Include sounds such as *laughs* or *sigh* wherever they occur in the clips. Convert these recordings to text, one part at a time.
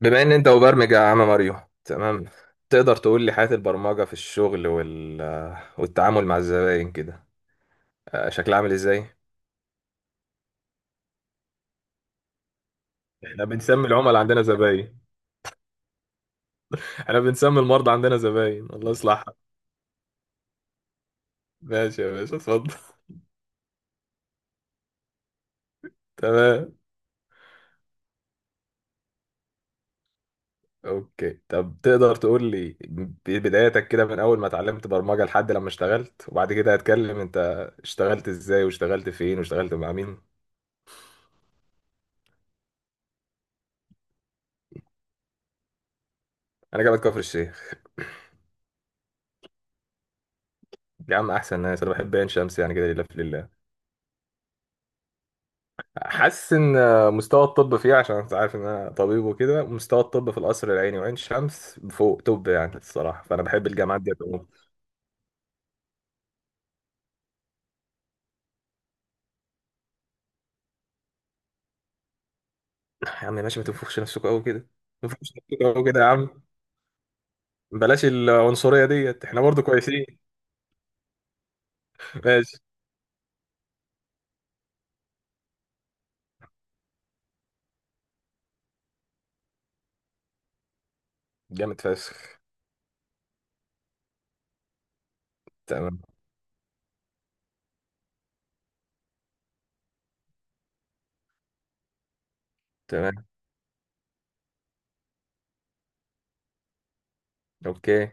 بما ان انت مبرمج يا عم ماريو، تمام. تقدر تقول لي حياة البرمجة في الشغل والتعامل مع الزباين كده؟ شكلها عامل ازاي؟ احنا بنسمي العملاء عندنا زباين. احنا بنسمي المرضى عندنا زباين، الله يصلحها. ماشي يا باشا، اتفضل. *laughs* تمام. اوكي، طب تقدر تقول لي بدايتك كده من اول ما اتعلمت برمجة لحد لما اشتغلت، وبعد كده هتكلم انت اشتغلت ازاي واشتغلت فين واشتغلت مع مين. انا جامعة كفر الشيخ. يا عم احسن ناس، انا بحب عين شمس يعني كده، لله في لله. حاسس ان مستوى الطب فيه، عشان انت عارف ان انا طبيب وكده، مستوى الطب في القصر العيني وعين شمس فوق طب يعني الصراحه، فانا بحب الجامعات دي عموما. يا عم ماشي، ما تنفخش نفسكوا قوي كده. ما تنفخش نفسكوا قوي كده يا عم. بلاش العنصريه ديت، احنا برضو كويسين. ماشي. جامد فشخ. تمام، تمام. اوكي.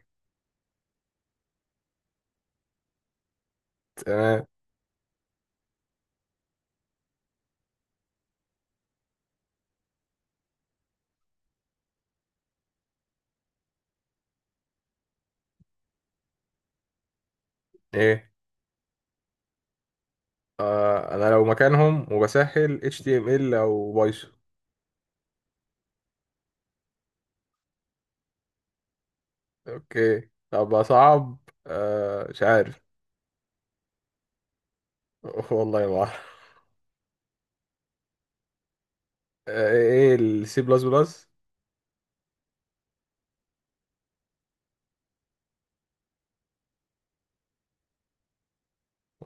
تمام. ايه؟ انا لو مكانهم وبسهل HTML او بايثون. اوكي، طب اصعب. مش عارف. *laughs* والله ما أعرف. ايه السي بلس بلس.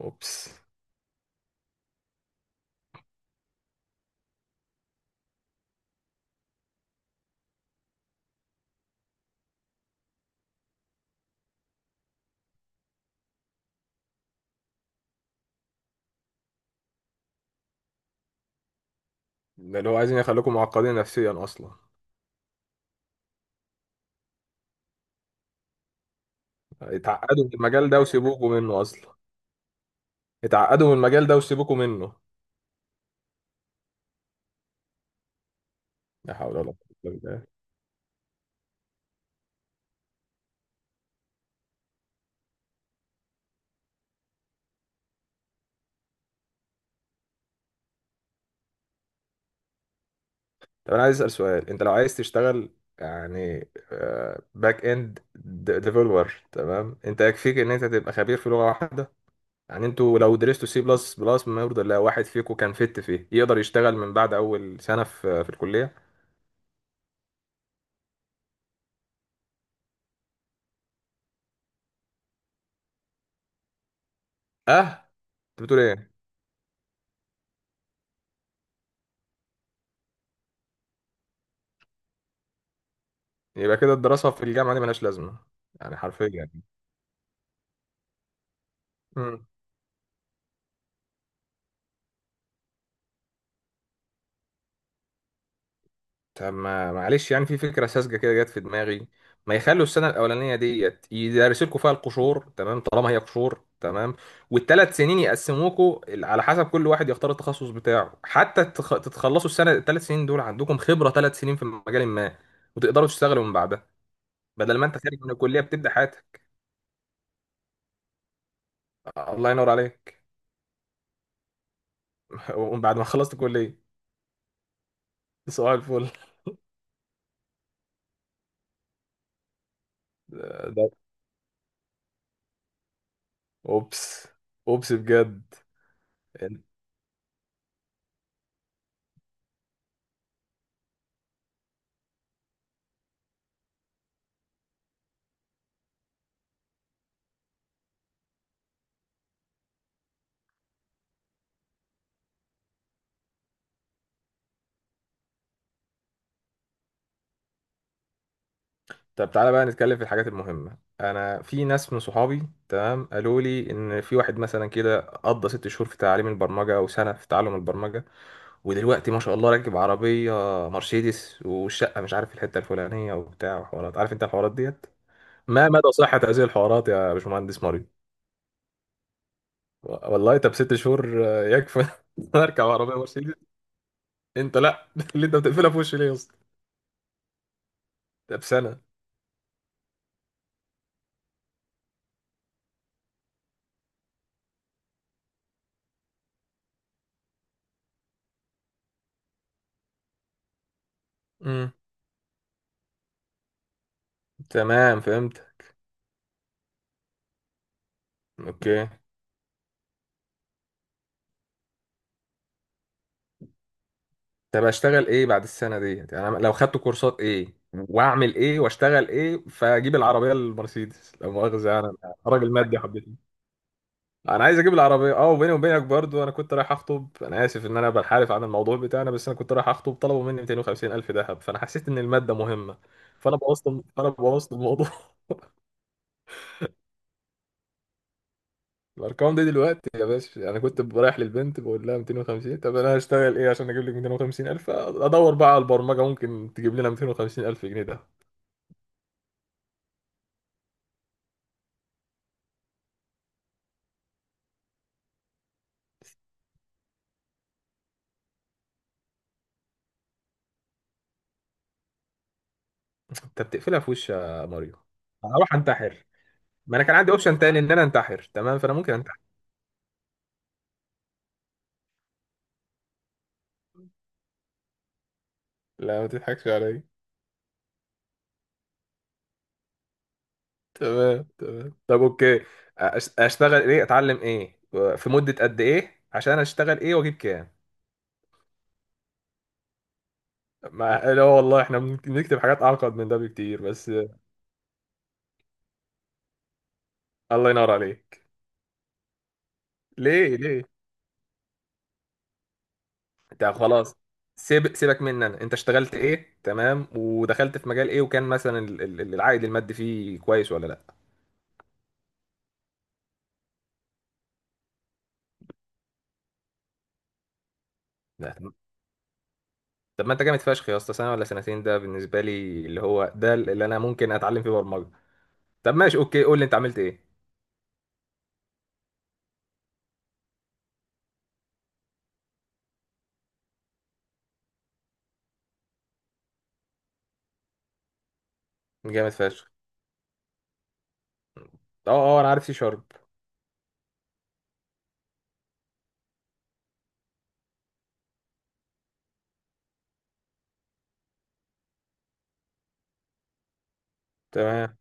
اوبس. ده اللي هو عايزين يخليكم معقدين نفسيا اصلا. اتعقدوا من المجال ده وسيبوكوا منه اصلا. اتعقدوا من المجال ده وسيبوكوا منه. لا حول ولا قوة الا بالله. طب انا عايز اسال سؤال، انت لو عايز تشتغل يعني باك اند ديفلوبر، تمام، انت يكفيك ان انت تبقى خبير في لغه واحده؟ يعني انتوا لو درستوا سي بلس بلس، ما يرضى الله، واحد فيكم كان فت فيه يقدر يشتغل من بعد اول سنه في الكليه. اه. انت بتقول ايه؟ يبقى كده الدراسة في الجامعة دي ملهاش لازمة. يعني حرفيا. مم. طب ما معلش، يعني في فكرة ساذجة كده جت في دماغي. ما يخلوا السنة الأولانية ديت يدرسوا لكم فيها القشور، تمام، طالما هي قشور، تمام، والثلاث سنين يقسموكوا على حسب كل واحد يختار التخصص بتاعه، حتى تتخلصوا السنة الثلاث سنين دول عندكم خبرة ثلاث سنين في مجال ما، وتقدروا تشتغلوا من بعدها، بدل ما أنت خارج من الكلية بتبدأ حياتك. الله ينور عليك. *laughs* وبعد ما خلصت كلية. صباح الفل. اوبس. اوبس بجد. انت. طب تعالى بقى نتكلم في الحاجات المهمة. انا في ناس من صحابي، تمام، قالوا لي ان في واحد مثلا كده قضى ست شهور في تعليم البرمجة او سنة في تعلم البرمجة، ودلوقتي ما شاء الله راكب عربية مرسيدس، والشقة مش عارف في الحتة الفلانية، وبتاع، وحوارات، عارف انت الحوارات ديت. ما مدى صحة هذه الحوارات يا باشمهندس مريض؟ والله، طب ست شهور يكفي؟ *laughs* اركب عربية مرسيدس. انت لا. *laughs* اللي انت بتقفلها في وشي ليه يا اسطى؟ طب سنة؟ امم تمام، فهمت. اوكي، طب اشتغل ايه بعد السنه ديت؟ يعني أنا لو خدت كورسات ايه، واعمل ايه، واشتغل ايه، فاجيب العربيه المرسيدس، لو مؤاخذه، يعني انا راجل مادي حبتني. انا عايز اجيب العربيه، اه. وبيني وبينك برضو، انا كنت رايح اخطب، انا اسف ان انا بنحرف عن الموضوع بتاعنا، بس انا كنت رايح اخطب، طلبوا مني 250 الف ذهب، فانا حسيت ان الماده مهمه، فانا بوظت فانا بوظت الموضوع. *laughs* الارقام دي دلوقتي يا باشا، انا كنت رايح للبنت بقول لها 250. طب انا هشتغل ايه عشان اجيب لك 250 الف؟ ادور بقى على البرمجه ممكن تجيب لنا 250 الف جنيه ده. انت بتقفلها في وش يا ماريو؟ اروح انتحر. ما انا كان عندي اوبشن تاني ان انا انتحر، تمام، فانا ممكن انتحر. لا، ما تضحكش عليا. تمام تمام، طب اوكي. اشتغل ايه، اتعلم ايه، في مده قد ايه، عشان اشتغل ايه واجيب كام؟ ما لا والله، احنا بنكتب حاجات اعقد من ده بكتير بس. الله ينور عليك. ليه، ليه؟ طب خلاص، سيبك مني انا. انت اشتغلت ايه، تمام، ودخلت في مجال ايه، وكان مثلا العائد المادي فيه كويس ولا لا؟ لا. طب، طب ما انت جامد فشخ يا اسطى، سنه ولا سنتين ده بالنسبه لي اللي هو ده اللي انا ممكن اتعلم فيه برمجه. طب ماشي، اوكي، قول لي انت عملت ايه. جامد فشخ. اه اه، انا عارف سي شارب. تمام.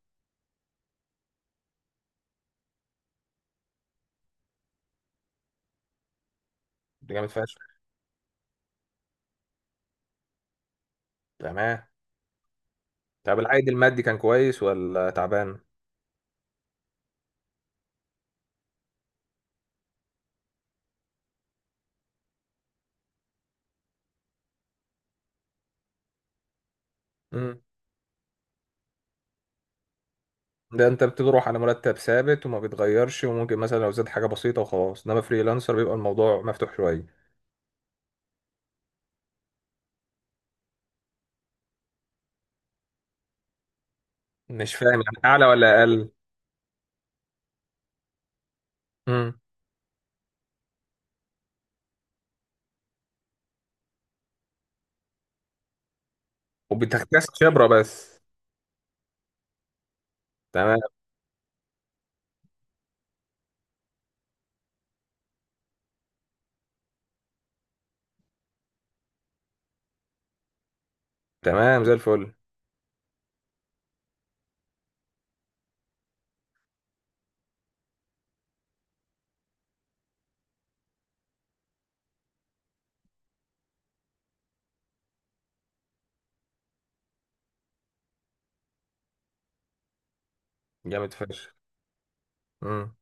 ده جامد فشخ. تمام. طب العائد المادي كان كويس ولا تعبان؟ امم ده انت بتروح على مرتب ثابت وما بيتغيرش، وممكن مثلا لو زاد حاجه بسيطه وخلاص، انما فريلانسر بيبقى الموضوع مفتوح شويه. مش فاهم، يعني اعلى ولا اقل؟ امم وبتكتسب خبره بس. تمام. تمام، زي الفل. جامد فشخ. امم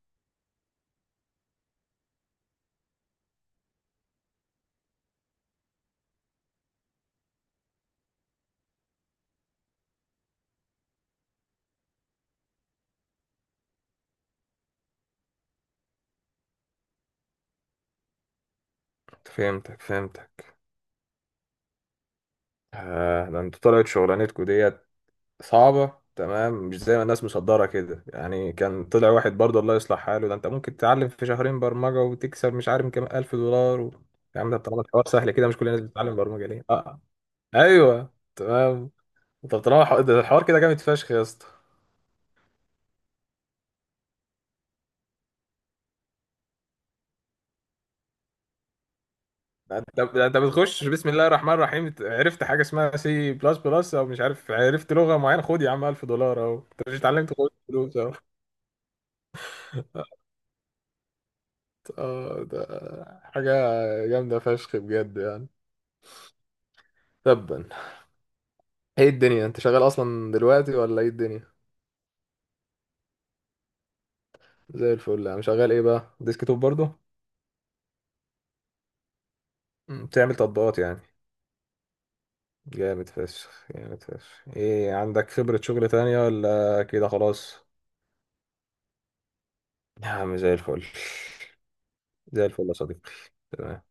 فهمتك، فهمتك. ده انتوا طلعت شغلانتكم ديت صعبه، تمام، مش زي ما الناس مصدره كده. يعني كان طلع واحد برضه، الله يصلح حاله، ده انت ممكن تتعلم في شهرين برمجه وتكسب مش عارف كام الف دولار يا عم، ده طالما الحوار سهل كده، مش كل الناس بتتعلم برمجه ليه؟ اه. ايوه تمام. طب طالما ده الحوار كده جامد فشخ يا اسطى، ده انت بتخش بسم الله الرحمن الرحيم، عرفت حاجه اسمها سي بلس بلس، او مش عارف، عرفت لغه معينه، خد يا عم $1000 اهو، انت مش اتعلمت، خد فلوس اهو. *laughs* اه، ده حاجه جامده فشخ بجد يعني. تبا. ايه الدنيا، انت شغال اصلا دلوقتي ولا ايه الدنيا؟ زي الفل. انا شغال ايه بقى، ديسك توب برضه؟ بتعمل تطبيقات يعني. جامد فشخ، جامد فشخ. ايه، عندك خبره شغل تانية ولا كده خلاص؟ يا عم زي الفل. زي الفل يا صديقي. تمام.